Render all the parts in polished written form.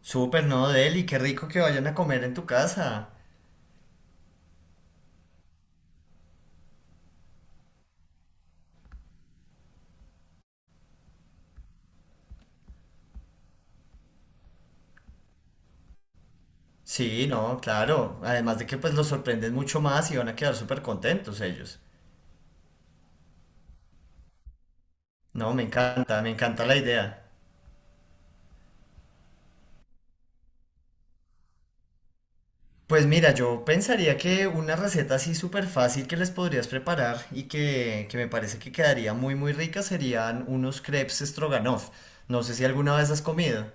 Súper, ¿no, Deli? Qué rico que vayan a comer en tu casa. Sí, no, claro. Además de que pues los sorprenden mucho más y van a quedar súper contentos ellos. No, me encanta la idea. Pues mira, yo pensaría que una receta así súper fácil que les podrías preparar y que me parece que quedaría muy muy rica serían unos crepes stroganoff. No sé si alguna vez has comido.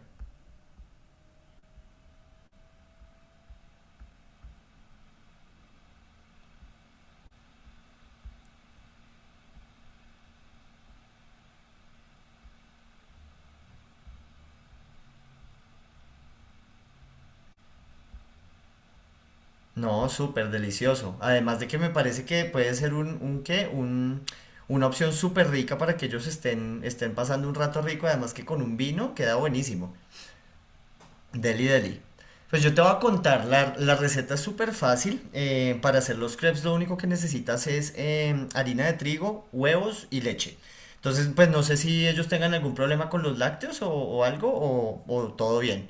No, súper delicioso. Además de que me parece que puede ser una opción súper rica para que ellos estén pasando un rato rico, además que con un vino queda buenísimo. Deli, deli. Pues yo te voy a contar, la receta es súper fácil. Para hacer los crepes lo único que necesitas es harina de trigo, huevos y leche. Entonces, pues no sé si ellos tengan algún problema con los lácteos o algo, o todo bien.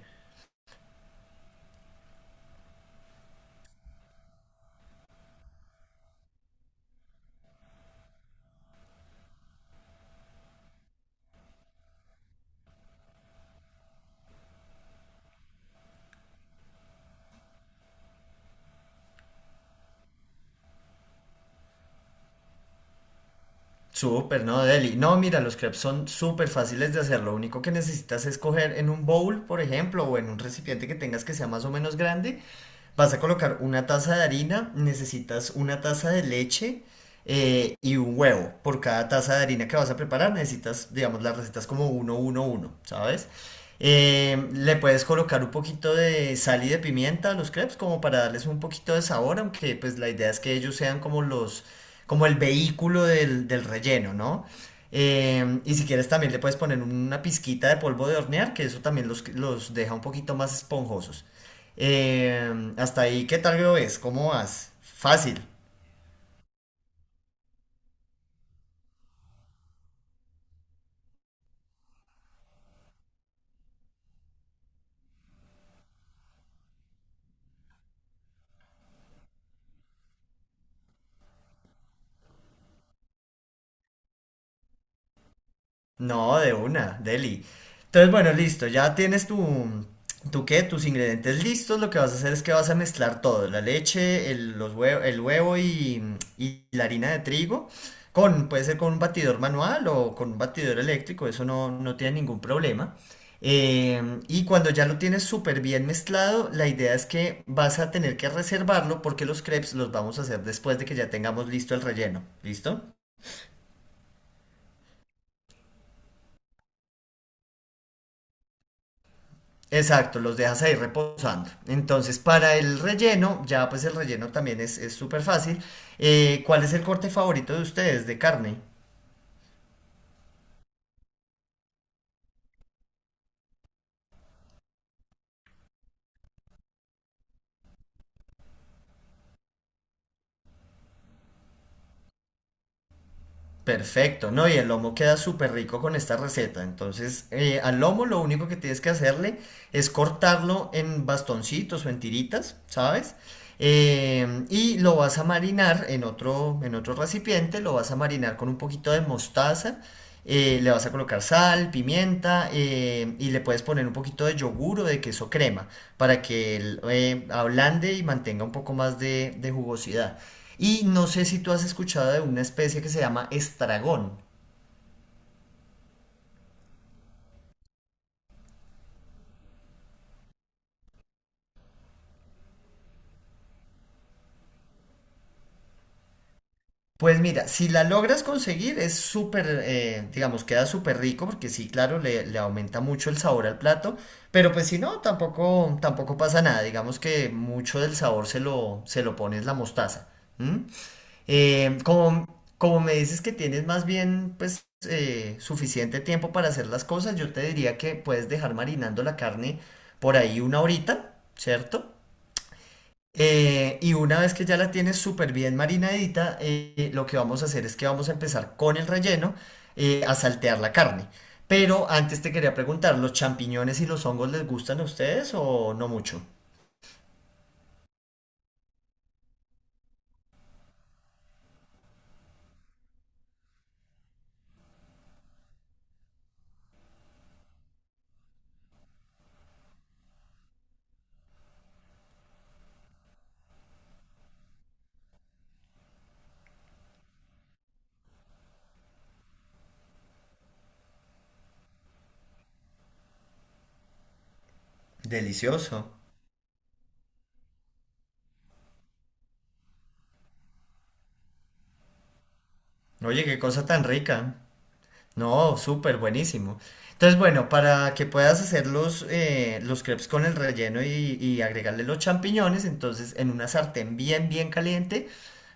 Súper, ¿no, Deli? No, mira, los crepes son súper fáciles de hacer. Lo único que necesitas es coger en un bowl, por ejemplo, o en un recipiente que tengas que sea más o menos grande. Vas a colocar una taza de harina, necesitas una taza de leche, y un huevo. Por cada taza de harina que vas a preparar, necesitas, digamos, las recetas como uno uno uno, ¿sabes? Le puedes colocar un poquito de sal y de pimienta a los crepes como para darles un poquito de sabor, aunque pues la idea es que ellos sean como como el vehículo del relleno, ¿no? Y si quieres también le puedes poner una pizquita de polvo de hornear, que eso también los deja un poquito más esponjosos. Hasta ahí, ¿qué tal lo ves? ¿Cómo vas? Fácil. No, de una, deli. Entonces, bueno, listo, ya tienes tus ingredientes listos. Lo que vas a hacer es que vas a mezclar todo, la leche, el huevo y la harina de trigo, con, puede ser con un batidor manual o con un batidor eléctrico, eso no, no tiene ningún problema. Y cuando ya lo tienes súper bien mezclado, la idea es que vas a tener que reservarlo porque los crepes los vamos a hacer después de que ya tengamos listo el relleno. ¿Listo? Exacto, los dejas ahí reposando. Entonces, para el relleno, ya pues el relleno también es súper fácil. ¿Cuál es el corte favorito de ustedes de carne? Perfecto, ¿no? Y el lomo queda súper rico con esta receta. Entonces, al lomo lo único que tienes que hacerle es cortarlo en bastoncitos o en tiritas, ¿sabes? Y lo vas a marinar en otro recipiente, lo vas a marinar con un poquito de mostaza, le vas a colocar sal, pimienta, y le puedes poner un poquito de yogur o de queso crema para que él, ablande y mantenga un poco más de jugosidad. Y no sé si tú has escuchado de una especie que se llama estragón. Pues mira, si la logras conseguir es súper, digamos, queda súper rico porque sí, claro, le aumenta mucho el sabor al plato, pero pues si no, tampoco, tampoco pasa nada, digamos que mucho del sabor se lo pones la mostaza. ¿M? Como, como me dices que tienes más bien pues suficiente tiempo para hacer las cosas, yo te diría que puedes dejar marinando la carne por ahí una horita, ¿cierto? Y una vez que ya la tienes súper bien marinadita, lo que vamos a hacer es que vamos a empezar con el relleno, a saltear la carne. Pero antes te quería preguntar, ¿los champiñones y los hongos les gustan a ustedes o no mucho? Delicioso. Oye, qué cosa tan rica. No, súper buenísimo. Entonces, bueno, para que puedas hacer los crepes con el relleno y agregarle los champiñones, entonces en una sartén bien, bien caliente,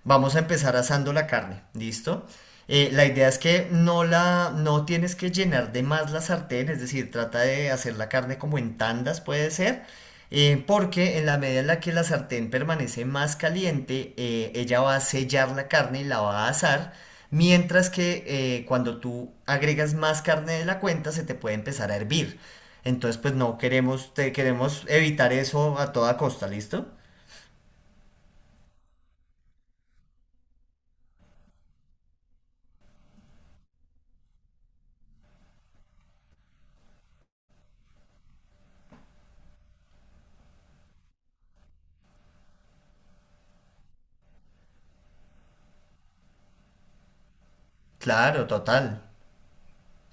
vamos a empezar asando la carne, ¿listo? La idea es que no tienes que llenar de más la sartén, es decir, trata de hacer la carne como en tandas puede ser, porque en la medida en la que la sartén permanece más caliente, ella va a sellar la carne y la va a asar. Mientras que cuando tú agregas más carne de la cuenta, se te puede empezar a hervir. Entonces, pues no queremos, te, queremos evitar eso a toda costa, ¿listo? Claro, total.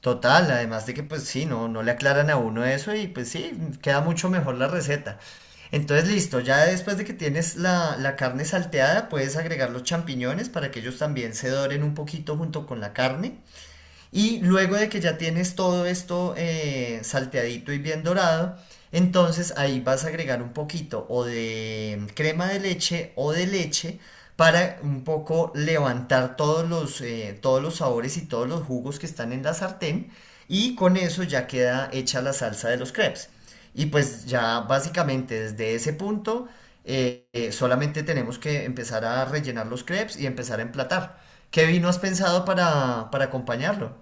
Total, además de que pues sí, no, no le aclaran a uno eso y pues sí, queda mucho mejor la receta. Entonces, listo, ya después de que tienes la carne salteada, puedes agregar los champiñones para que ellos también se doren un poquito junto con la carne. Y luego de que ya tienes todo esto salteadito y bien dorado, entonces ahí vas a agregar un poquito o de crema de leche o de leche para un poco levantar todos los sabores y todos los jugos que están en la sartén. Y con eso ya queda hecha la salsa de los crepes. Y pues ya básicamente desde ese punto solamente tenemos que empezar a rellenar los crepes y empezar a emplatar. ¿Qué vino has pensado para acompañarlo?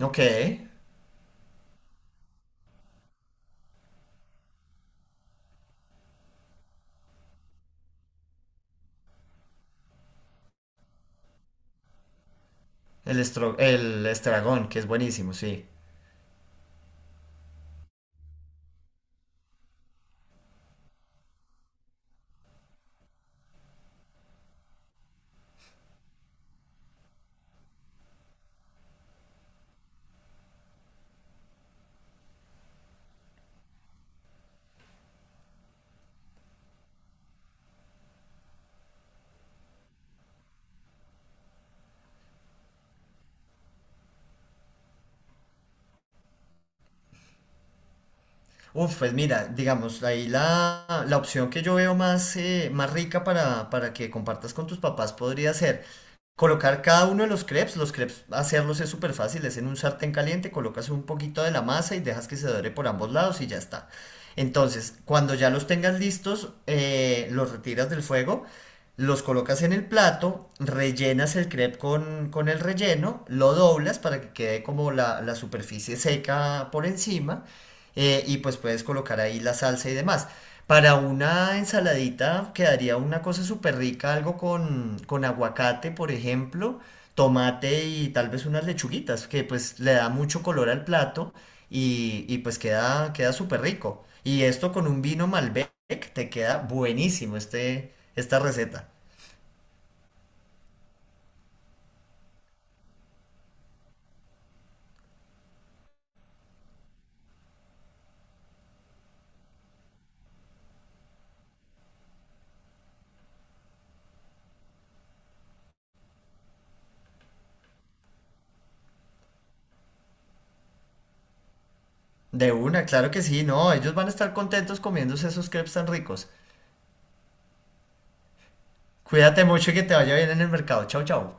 Ok, el estragón, que es buenísimo, sí. Uf, pues mira, digamos, ahí la opción que yo veo más, más rica para que compartas con tus papás podría ser colocar cada uno de los crepes hacerlos es súper fácil, es en un sartén caliente, colocas un poquito de la masa y dejas que se dore por ambos lados y ya está. Entonces, cuando ya los tengas listos, los retiras del fuego, los colocas en el plato, rellenas el crepe con el relleno, lo doblas para que quede como la superficie seca por encima, y pues puedes colocar ahí la salsa y demás. Para una ensaladita quedaría una cosa súper rica, algo con aguacate, por ejemplo, tomate y tal vez unas lechuguitas, que pues le da mucho color al plato y pues queda, queda súper rico. Y esto con un vino Malbec te queda buenísimo este, esta receta. De una, claro que sí, no, ellos van a estar contentos comiéndose esos crepes tan ricos. Cuídate mucho y que te vaya bien en el mercado. Chao, chao.